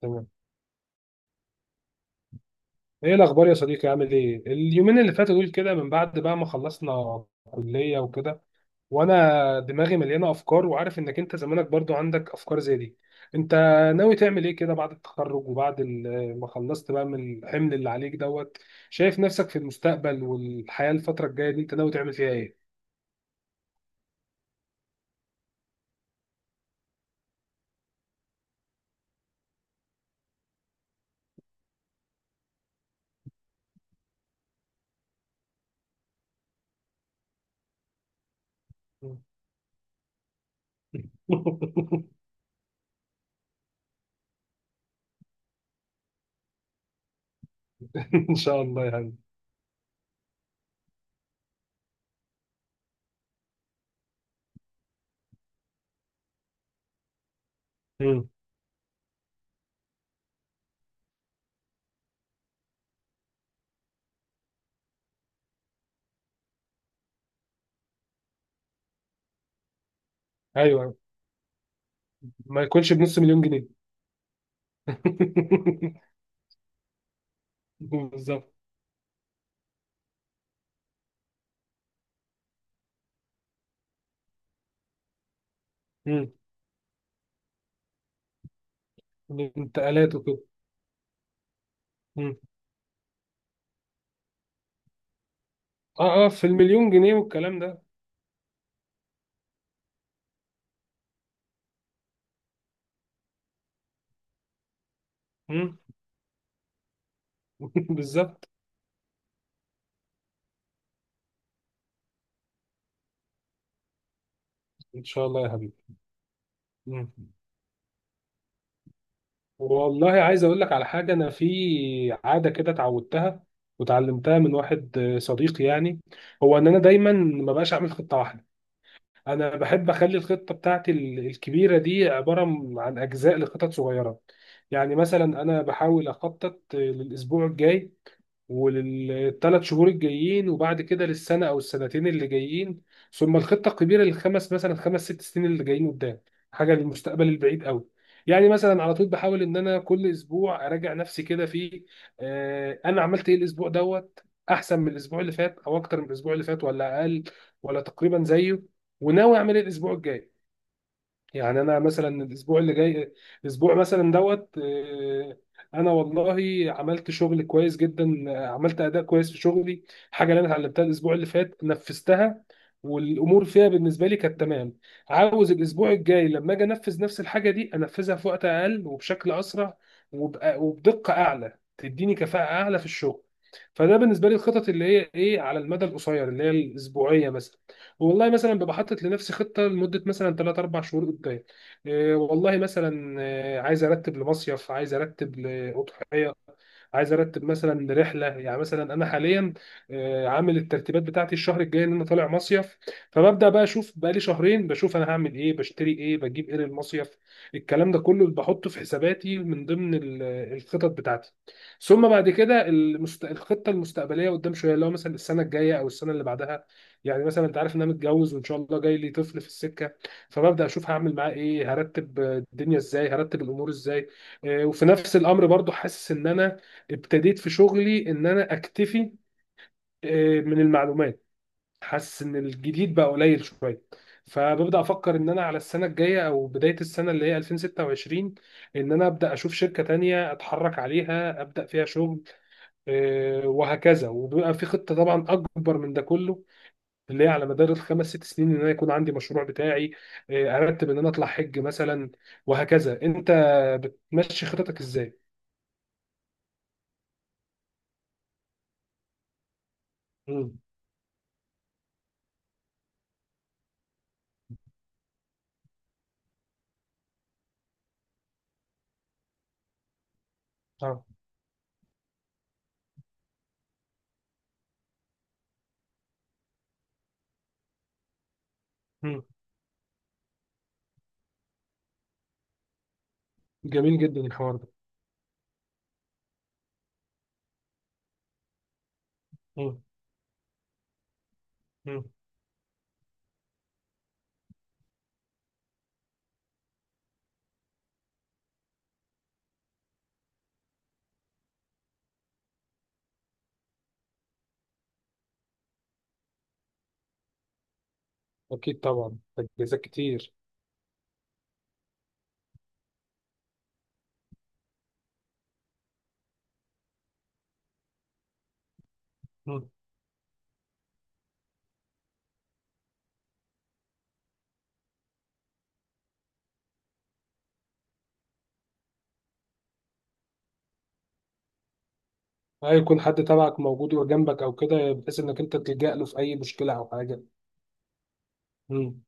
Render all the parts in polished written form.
تمام. ايه الاخبار يا صديقي، عامل ايه اليومين اللي فاتوا دول كده من بعد بقى ما خلصنا كلية وكده؟ وانا دماغي مليانة افكار، وعارف انك انت زمانك برضو عندك افكار زي دي. انت ناوي تعمل ايه كده بعد التخرج وبعد ما خلصت بقى من الحمل اللي عليك دوت؟ شايف نفسك في المستقبل والحياة الفترة الجاية دي انت ناوي تعمل فيها ايه؟ ان شاء الله يا حبيبي. مم. ايوه، ما يكونش بنص مليون جنيه. بالظبط. مم. الانتقالات وكده. اه اه، في المليون جنيه والكلام ده. مم. بالظبط. ان شاء الله يا حبيبي. مم. والله عايز اقول لك على حاجه. انا في عاده كده اتعودتها، وتعلمتها من واحد صديقي يعني. هو ان انا دايما ما بقاش اعمل خطه واحده. انا بحب اخلي الخطه بتاعتي ال- الكبيره دي عباره عن اجزاء لخطط صغيره. يعني مثلا انا بحاول اخطط للاسبوع الجاي، وللثلاث شهور الجايين، وبعد كده للسنة أو السنتين اللي جايين، ثم الخطة الكبيرة للخمس مثلا 5 6 سنين اللي جايين قدام، حاجة للمستقبل البعيد قوي. يعني مثلا على طول بحاول إن أنا كل أسبوع أراجع نفسي كده في أنا عملت إيه الأسبوع دوت، أحسن من الأسبوع اللي فات أو أكتر من الأسبوع اللي فات ولا أقل، ولا تقريبا زيه، وناوي أعمل إيه الأسبوع الجاي. يعني انا مثلا الاسبوع اللي جاي، الاسبوع مثلا دوت انا والله عملت شغل كويس جدا، عملت اداء كويس في شغلي. حاجه اللي انا اتعلمتها الاسبوع اللي فات نفذتها، والامور فيها بالنسبه لي كانت تمام. عاوز الاسبوع الجاي لما اجي انفذ نفس الحاجه دي انفذها في وقت اقل وبشكل اسرع، وبدقه اعلى تديني كفاءه اعلى في الشغل. فده بالنسبه لي الخطط اللي هي ايه على المدى القصير، اللي هي الاسبوعيه مثلا. والله مثلا ببقى حاطط لنفسي خطه لمده مثلا 3 4 شهور قدام. إيه والله مثلا عايز ارتب لمصيف، عايز ارتب لاضحيه، عايز ارتب مثلا رحله. يعني مثلا انا حاليا عامل الترتيبات بتاعتي الشهر الجاي ان انا طالع مصيف. فببدا بقى اشوف، بقالي شهرين بشوف انا هعمل ايه، بشتري ايه، بجيب ايه للمصيف. الكلام ده كله بحطه في حساباتي من ضمن الخطط بتاعتي. ثم بعد كده الخطه المستقبليه قدام شويه، اللي هو مثلا السنه الجايه او السنه اللي بعدها. يعني مثلا انت عارف ان انا متجوز وان شاء الله جاي لي طفل في السكه. فببدا اشوف هعمل معاه ايه، هرتب الدنيا ازاي، هرتب الامور ازاي. وفي نفس الامر برضو حاسس ان انا ابتديت في شغلي ان انا اكتفي من المعلومات. حاسس ان الجديد بقى قليل شويه. فببدا افكر ان انا على السنه الجايه او بدايه السنه اللي هي 2026 ان انا ابدا اشوف شركه تانية اتحرك عليها ابدا فيها شغل. وهكذا. وبيبقى في خطه طبعا اكبر من ده كله، اللي هي على مدار ال 5 6 سنين ان انا يكون عندي مشروع بتاعي، ارتب ان انا اطلع حج مثلا، وهكذا. انت بتمشي خططك ازاي؟ مم. اه. مم. جميل جدا الحوار ده. مم. اكيد طبعا، تجهيزات كتير. مم. اي، يكون حد تبعك موجود وجنبك او كده، بحيث انك انت تلجأ له في اي مشكله او حاجه. مم.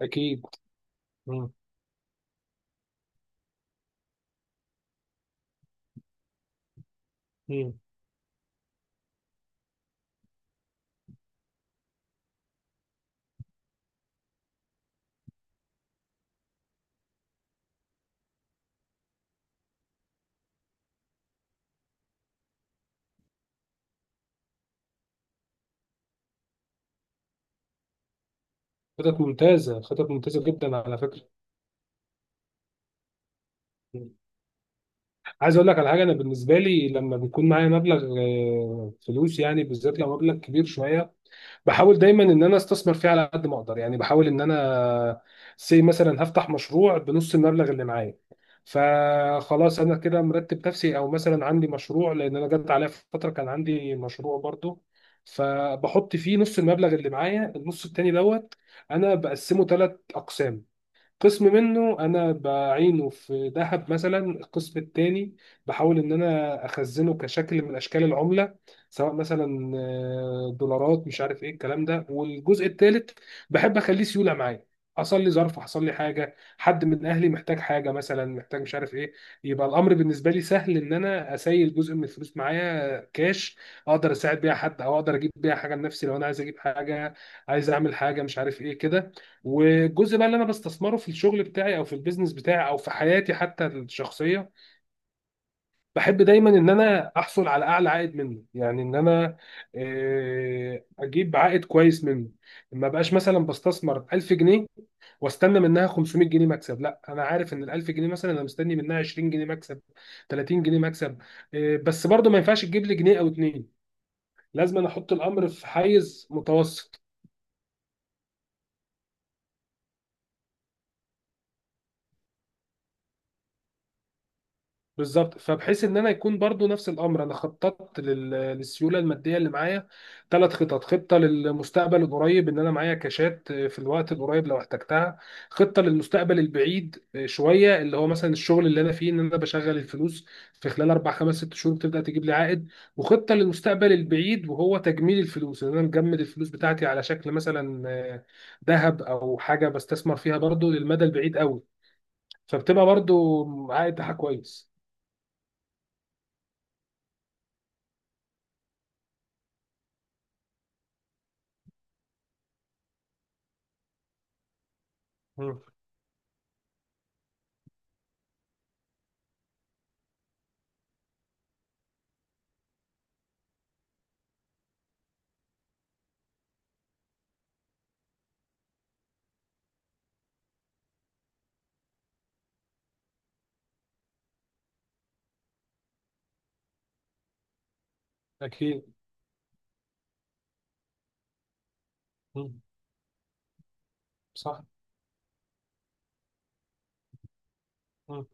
اكيد. مم. مم. خطط ممتازه، خطط ممتازه جدا على فكره. مم. عايز اقول لك على حاجه. انا بالنسبه لي لما بيكون معايا مبلغ فلوس، يعني بالذات لو مبلغ كبير شويه، بحاول دايما ان انا استثمر فيه على قد ما اقدر. يعني بحاول ان انا سي مثلا هفتح مشروع بنص المبلغ اللي معايا، فخلاص انا كده مرتب نفسي، او مثلا عندي مشروع، لان انا جت عليا فتره كان عندي مشروع برضو فبحط فيه نص المبلغ اللي معايا. النص التاني دوت انا بقسمه 3 اقسام. قسم منه انا بعينه في ذهب مثلا. القسم التاني بحاول ان انا اخزنه كشكل من اشكال العمله، سواء مثلا دولارات مش عارف ايه الكلام ده. والجزء التالت بحب اخليه سيوله معايا. حصل لي ظرف، حصل لي حاجه، حد من اهلي محتاج حاجه، مثلا محتاج مش عارف ايه، يبقى الامر بالنسبه لي سهل ان انا اسيل جزء من الفلوس معايا كاش، اقدر اساعد بيها حد او اقدر اجيب بيها حاجه لنفسي لو انا عايز اجيب حاجه، عايز اعمل حاجه مش عارف ايه كده. والجزء بقى اللي انا بستثمره في الشغل بتاعي او في البيزنس بتاعي او في حياتي حتى الشخصيه، بحب دايما ان انا احصل على اعلى عائد منه. يعني ان انا اجيب عائد كويس منه. ما بقاش مثلا بستثمر 1000 جنيه واستنى منها 500 جنيه مكسب، لا، انا عارف ان ال 1000 جنيه مثلا انا مستني منها 20 جنيه مكسب، 30 جنيه مكسب. بس برضه ما ينفعش تجيب لي جنيه او اتنين. لازم أنا احط الامر في حيز متوسط. بالظبط. فبحيث ان انا يكون برضو نفس الامر، انا خططت للسيوله الماديه اللي معايا 3 خطط. خطه للمستقبل القريب ان انا معايا كاشات في الوقت القريب لو احتجتها. خطه للمستقبل البعيد شويه، اللي هو مثلا الشغل اللي انا فيه ان انا بشغل الفلوس في خلال 4 5 6 شهور بتبدا تجيب لي عائد. وخطه للمستقبل البعيد وهو تجميل الفلوس ان انا مجمد الفلوس بتاعتي على شكل مثلا ذهب او حاجه بستثمر فيها برضو للمدى البعيد قوي، فبتبقى برضو عائد بتاعها كويس. أكيد. مم. صح. مم.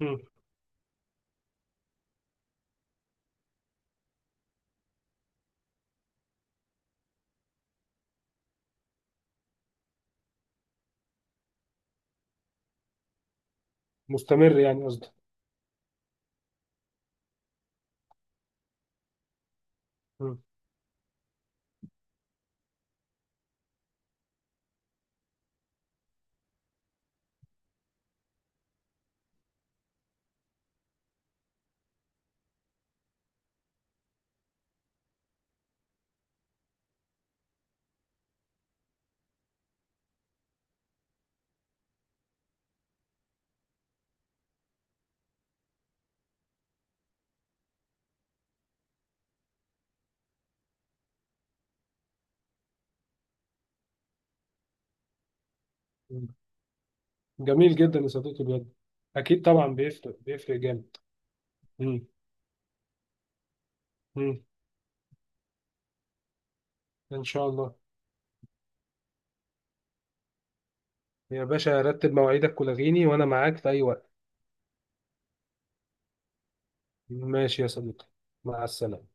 مم. مستمر، يعني قصدي. مم. مم. جميل جدا يا صديقي بجد. أكيد طبعا بيفرق، بيفرق جامد. مم. مم. إن شاء الله. يا باشا رتب مواعيدك ولغيني وأنا معاك في أي وقت. ماشي يا صديقي. مع السلامة.